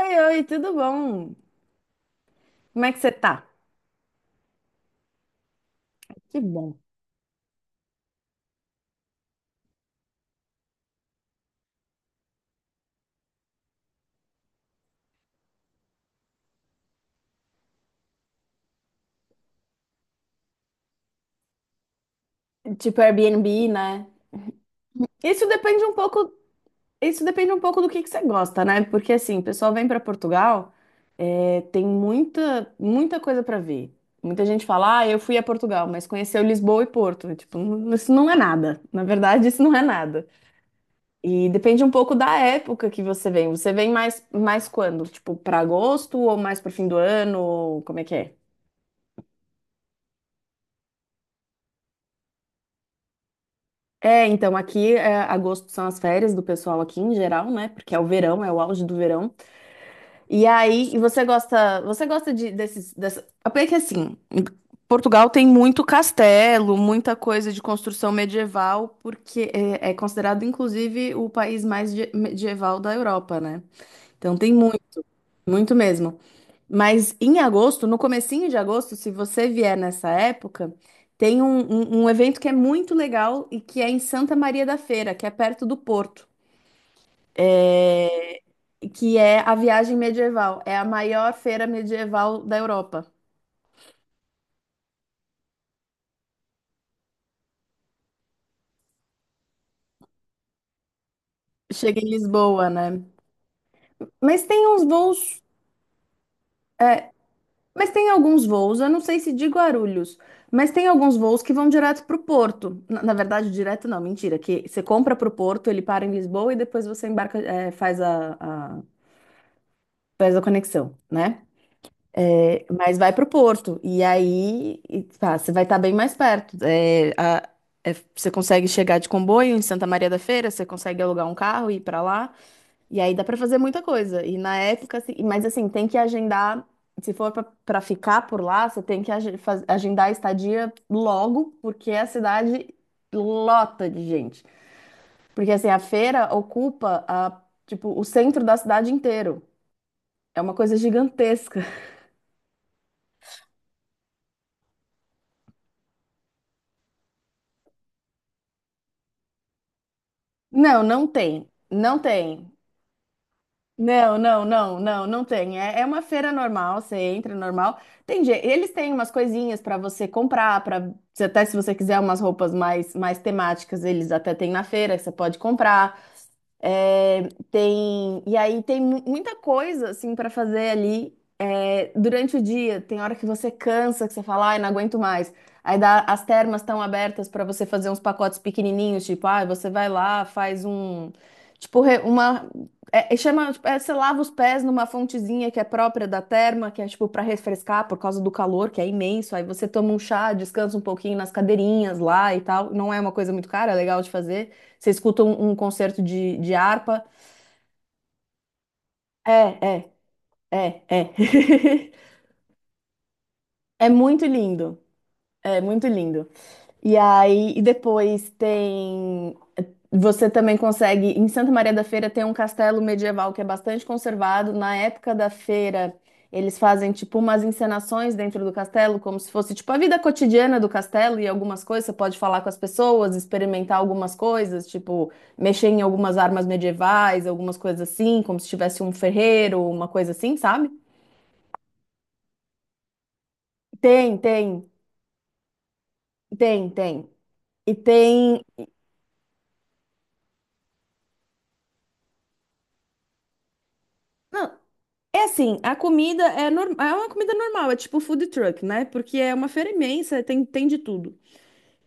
Oi, oi, tudo bom? Como é que você tá? Que bom. Tipo Airbnb, né? Isso depende um pouco, isso depende um pouco do que você gosta, né? Porque assim, o pessoal vem para Portugal, tem muita, muita coisa para ver. Muita gente fala, ah, eu fui a Portugal, mas conheceu Lisboa e Porto. Tipo, isso não é nada. Na verdade, isso não é nada. E depende um pouco da época que você vem. Você vem mais quando? Tipo, para agosto ou mais para fim do ano? Ou como é que é? É, então aqui agosto são as férias do pessoal aqui em geral, né? Porque é o verão, é o auge do verão. E aí, e você gosta dessa... Porque que assim, Portugal tem muito castelo, muita coisa de construção medieval, porque é, é considerado inclusive o país medieval da Europa, né? Então tem muito, muito mesmo. Mas em agosto, no comecinho de agosto, se você vier nessa época, tem um evento que é muito legal e que é em Santa Maria da Feira, que é perto do Porto. É, que é a viagem medieval. É a maior feira medieval da Europa. Chega em Lisboa, né? Mas tem uns voos. Mas tem alguns voos, eu não sei se de Guarulhos, mas tem alguns voos que vão direto para o Porto. Na, na verdade, direto não, mentira, que você compra para o Porto, ele para em Lisboa e depois você embarca, é, faz a conexão, né? É, mas vai para o Porto e aí e, pá, você vai estar bem mais perto. É, você consegue chegar de comboio em Santa Maria da Feira, você consegue alugar um carro e ir para lá. E aí dá pra fazer muita coisa. E na época, assim, mas assim, tem que agendar. Se for pra ficar por lá, você tem que agendar a estadia logo, porque a cidade lota de gente. Porque assim, a feira ocupa a, tipo, o centro da cidade inteiro. É uma coisa gigantesca. Não, não tem. Não tem. Não, não, não, não, não tem. É, é uma feira normal, você entra normal. Tem, eles têm umas coisinhas para você comprar, para até se você quiser umas roupas mais, mais temáticas, eles até têm na feira que você pode comprar. É, tem e aí tem muita coisa assim para fazer ali. Durante o dia, tem hora que você cansa, que você fala, ai, não aguento mais. As termas estão abertas para você fazer uns pacotes pequenininhos, tipo, ai, você vai lá, faz um. Tipo, uma. Chama, tipo, é, você lava os pés numa fontezinha que é própria da terma, que é tipo para refrescar por causa do calor, que é imenso. Aí você toma um chá, descansa um pouquinho nas cadeirinhas lá e tal. Não é uma coisa muito cara, é legal de fazer. Você escuta um concerto de harpa. É, é, é, é. É muito lindo. É muito lindo. E aí, e depois tem. Você também consegue. Em Santa Maria da Feira tem um castelo medieval que é bastante conservado. Na época da feira, eles fazem tipo umas encenações dentro do castelo, como se fosse tipo a vida cotidiana do castelo e algumas coisas. Você pode falar com as pessoas, experimentar algumas coisas, tipo mexer em algumas armas medievais, algumas coisas assim, como se tivesse um ferreiro, uma coisa assim, sabe? Tem, tem, tem, tem. E tem. Não, é assim, a comida é, é uma comida normal, é tipo food truck, né? Porque é uma feira imensa, tem, tem de tudo.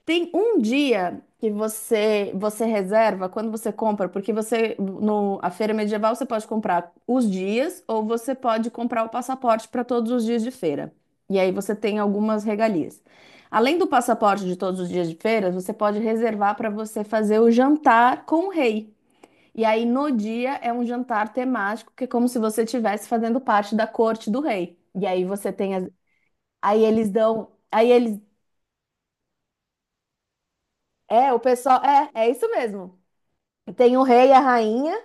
Tem um dia que você reserva quando você compra, porque você no a feira medieval você pode comprar os dias ou você pode comprar o passaporte para todos os dias de feira. E aí você tem algumas regalias. Além do passaporte de todos os dias de feira, você pode reservar para você fazer o jantar com o rei. E aí, no dia, é um jantar temático que é como se você estivesse fazendo parte da corte do rei. E aí você tem as... Aí eles dão. Aí eles. É, o pessoal. É, é isso mesmo. Tem o rei e a rainha.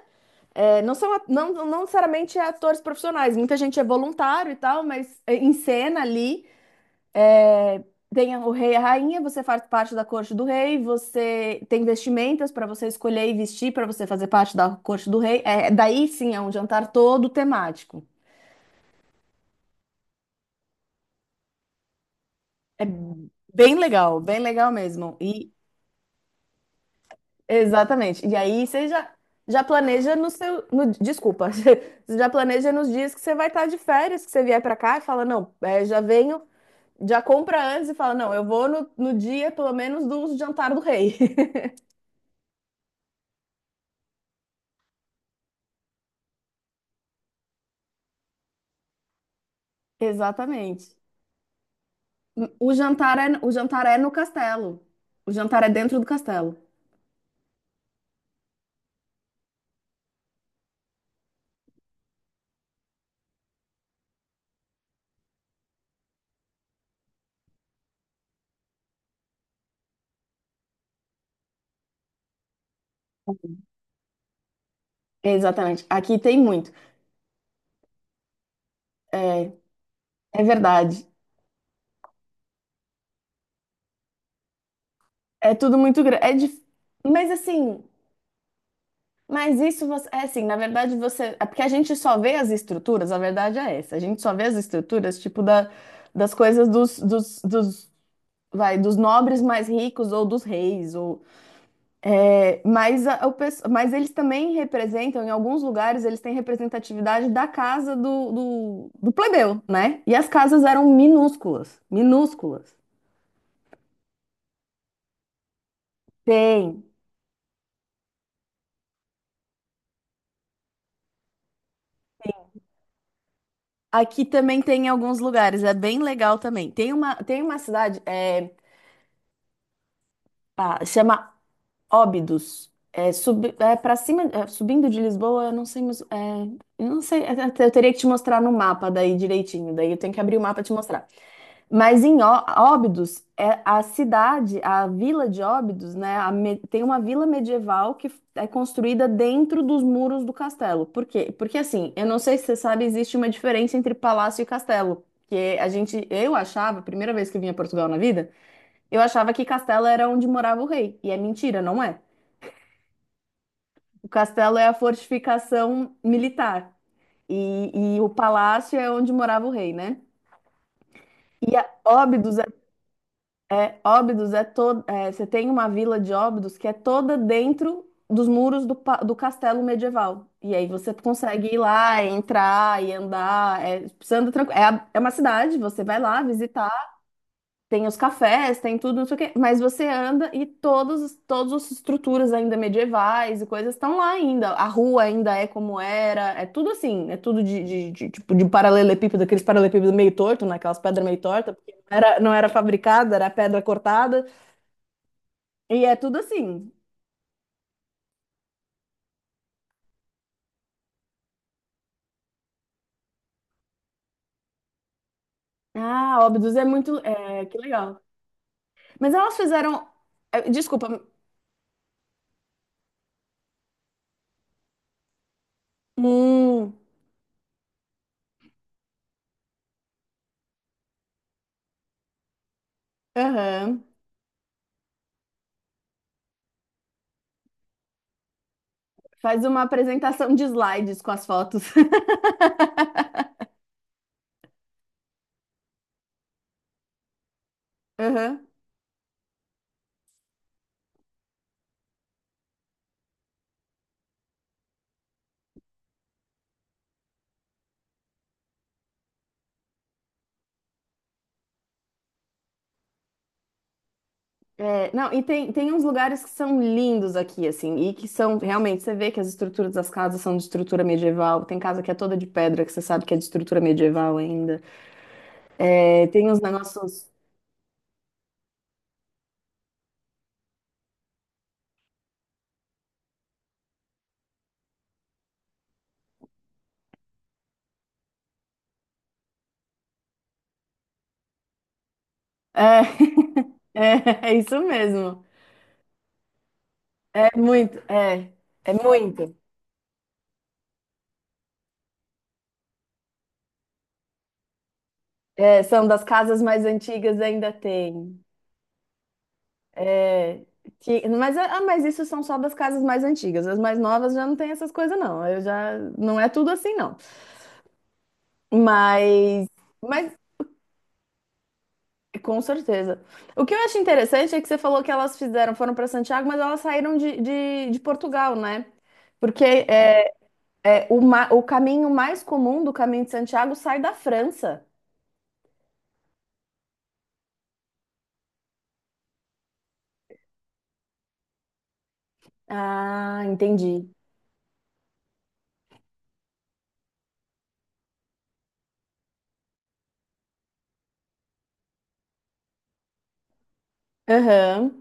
É, não são, não, não necessariamente é atores profissionais. Muita gente é voluntário e tal, mas é, em cena ali. É, tem o rei e a rainha, você faz parte da corte do rei, você tem vestimentas para você escolher e vestir para você fazer parte da corte do rei. É, daí sim é um jantar todo temático. É bem legal mesmo. E exatamente. E aí já planeja no seu, no, desculpa, você já planeja nos dias que você vai estar de férias, que você vier para cá e fala, não, é, já venho, já compra antes e fala, não, eu vou no dia pelo menos do jantar do rei. Exatamente. O jantar é no castelo. O jantar é dentro do castelo. Exatamente. Aqui tem muito. É, é verdade. É tudo muito grande. Mas assim, mas isso você, é assim, na verdade você, é porque a gente só vê as estruturas, a verdade é essa, a gente só vê as estruturas, tipo, das coisas dos, dos, dos, vai, dos nobres mais ricos ou dos reis, ou, é, mas, mas eles também representam, em alguns lugares, eles têm representatividade da casa do plebeu, né? E as casas eram minúsculas, minúsculas. Tem. Aqui também tem em alguns lugares, é bem legal também. Tem uma cidade, é, ah, chama Óbidos. É, é para cima, é, subindo de Lisboa, eu não sei, mas, é, eu não sei, é, é, eu teria que te mostrar no mapa daí direitinho, daí eu tenho que abrir o mapa e te mostrar. Mas em Óbidos, é a cidade, a vila de Óbidos, né, tem uma vila medieval que é construída dentro dos muros do castelo. Por quê? Porque assim, eu não sei se você sabe, existe uma diferença entre palácio e castelo. Que a gente, eu achava, primeira vez que eu vim a Portugal na vida, eu achava que castelo era onde morava o rei. E é mentira, não é? O castelo é a fortificação militar e o palácio é onde morava o rei, né? E a Óbidos é, é Óbidos é toda, você tem uma vila de Óbidos que é toda dentro dos muros do castelo medieval. E aí você consegue ir lá, entrar e andar, é, você anda tranquilo. É, é uma cidade, você vai lá visitar. Tem os cafés, tem tudo, não sei o quê, mas você anda e todos, todas as estruturas ainda medievais e coisas estão lá ainda. A rua ainda é como era, é tudo assim, é tudo tipo, de paralelepípedo, aqueles paralelepípedos meio torto, né? Aquelas pedras meio tortas, porque não era, não era fabricada, era pedra cortada, e é tudo assim. Ah, Óbidos é muito, é, que legal. Mas elas fizeram, é, desculpa, hum, aham. Faz uma apresentação de slides com as fotos. Aham. É, não, e tem, tem uns lugares que são lindos aqui, assim, e que são realmente, você vê que as estruturas das casas são de estrutura medieval, tem casa que é toda de pedra, que você sabe que é de estrutura medieval ainda. É, tem uns negócios. É, é, é isso mesmo. É muito, é, é muito. É, são das casas mais antigas ainda tem. É, mas, ah, mas isso são só das casas mais antigas. As mais novas já não tem essas coisas, não. Eu já, não é tudo assim, não. Mas, mas com certeza. O que eu acho interessante é que você falou que elas fizeram, foram para Santiago, mas elas saíram de Portugal, né? Porque é, o caminho mais comum do caminho de Santiago sai da França. Ah, entendi. Aham,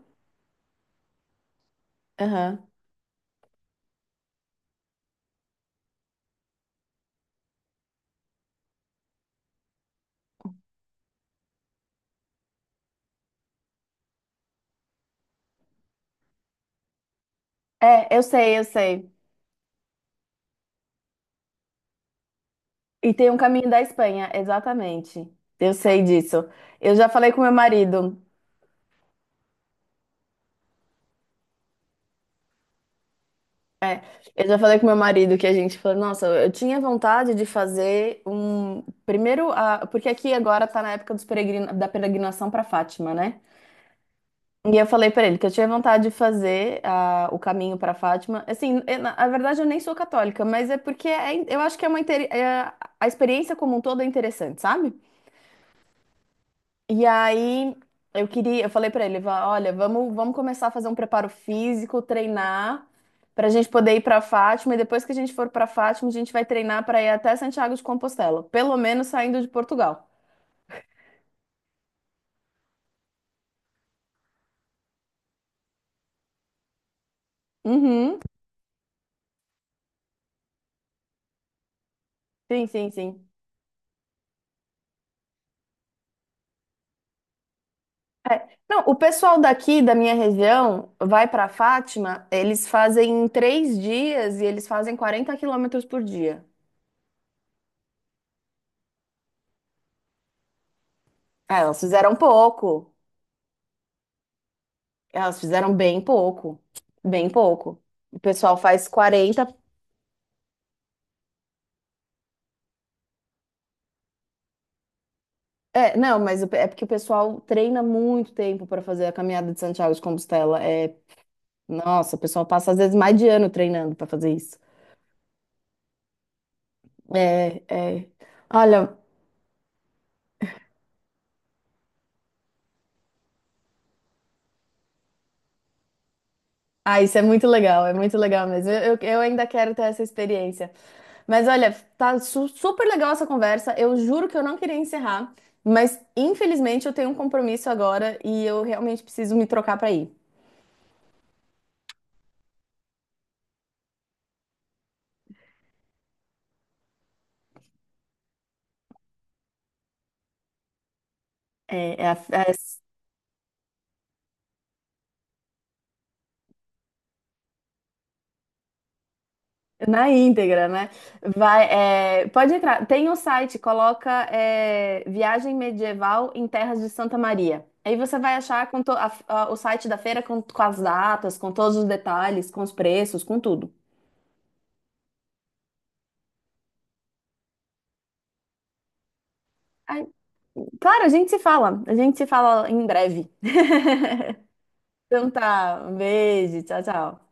aham. É, eu sei, eu sei. E tem um caminho da Espanha, exatamente. Eu sei disso. Eu já falei com meu marido. É, eu já falei com meu marido que a gente falou, nossa, eu tinha vontade de fazer um. Primeiro, a... porque aqui agora tá na época dos peregrina... da peregrinação pra Fátima, né? E eu falei pra ele que eu tinha vontade de fazer a... o caminho pra Fátima. Assim, eu, na na verdade eu nem sou católica, mas é porque eu acho que é uma. A experiência como um todo é interessante, sabe? E aí eu queria, eu falei pra ele, olha, vamos, vamos começar a fazer um preparo físico, treinar pra gente poder ir pra Fátima e depois que a gente for pra Fátima, a gente vai treinar pra ir até Santiago de Compostela, pelo menos saindo de Portugal. Uhum. Sim, sim, sim. É, não, o pessoal daqui da minha região vai pra Fátima, eles fazem 3 dias e eles fazem 40 quilômetros por dia. Ah, elas fizeram pouco. Elas fizeram bem pouco. Bem pouco. O pessoal faz 40. É, não, mas o é porque o pessoal treina muito tempo para fazer a caminhada de Santiago de Compostela. É, nossa, o pessoal passa às vezes mais de ano treinando para fazer isso. É, é. Olha, ah, isso é muito legal mesmo. Eu ainda quero ter essa experiência. Mas olha, super legal essa conversa. Eu juro que eu não queria encerrar, mas infelizmente eu tenho um compromisso agora e eu realmente preciso me trocar para ir. É, é a- é Na íntegra, né? Vai, é, pode entrar. Tem o site, coloca é, Viagem Medieval em Terras de Santa Maria. Aí você vai achar com to- a- o site da feira com as datas, com todos os detalhes, com os preços, com tudo. Aí, claro, a gente se fala. A gente se fala em breve. Então tá, um beijo, tchau, tchau.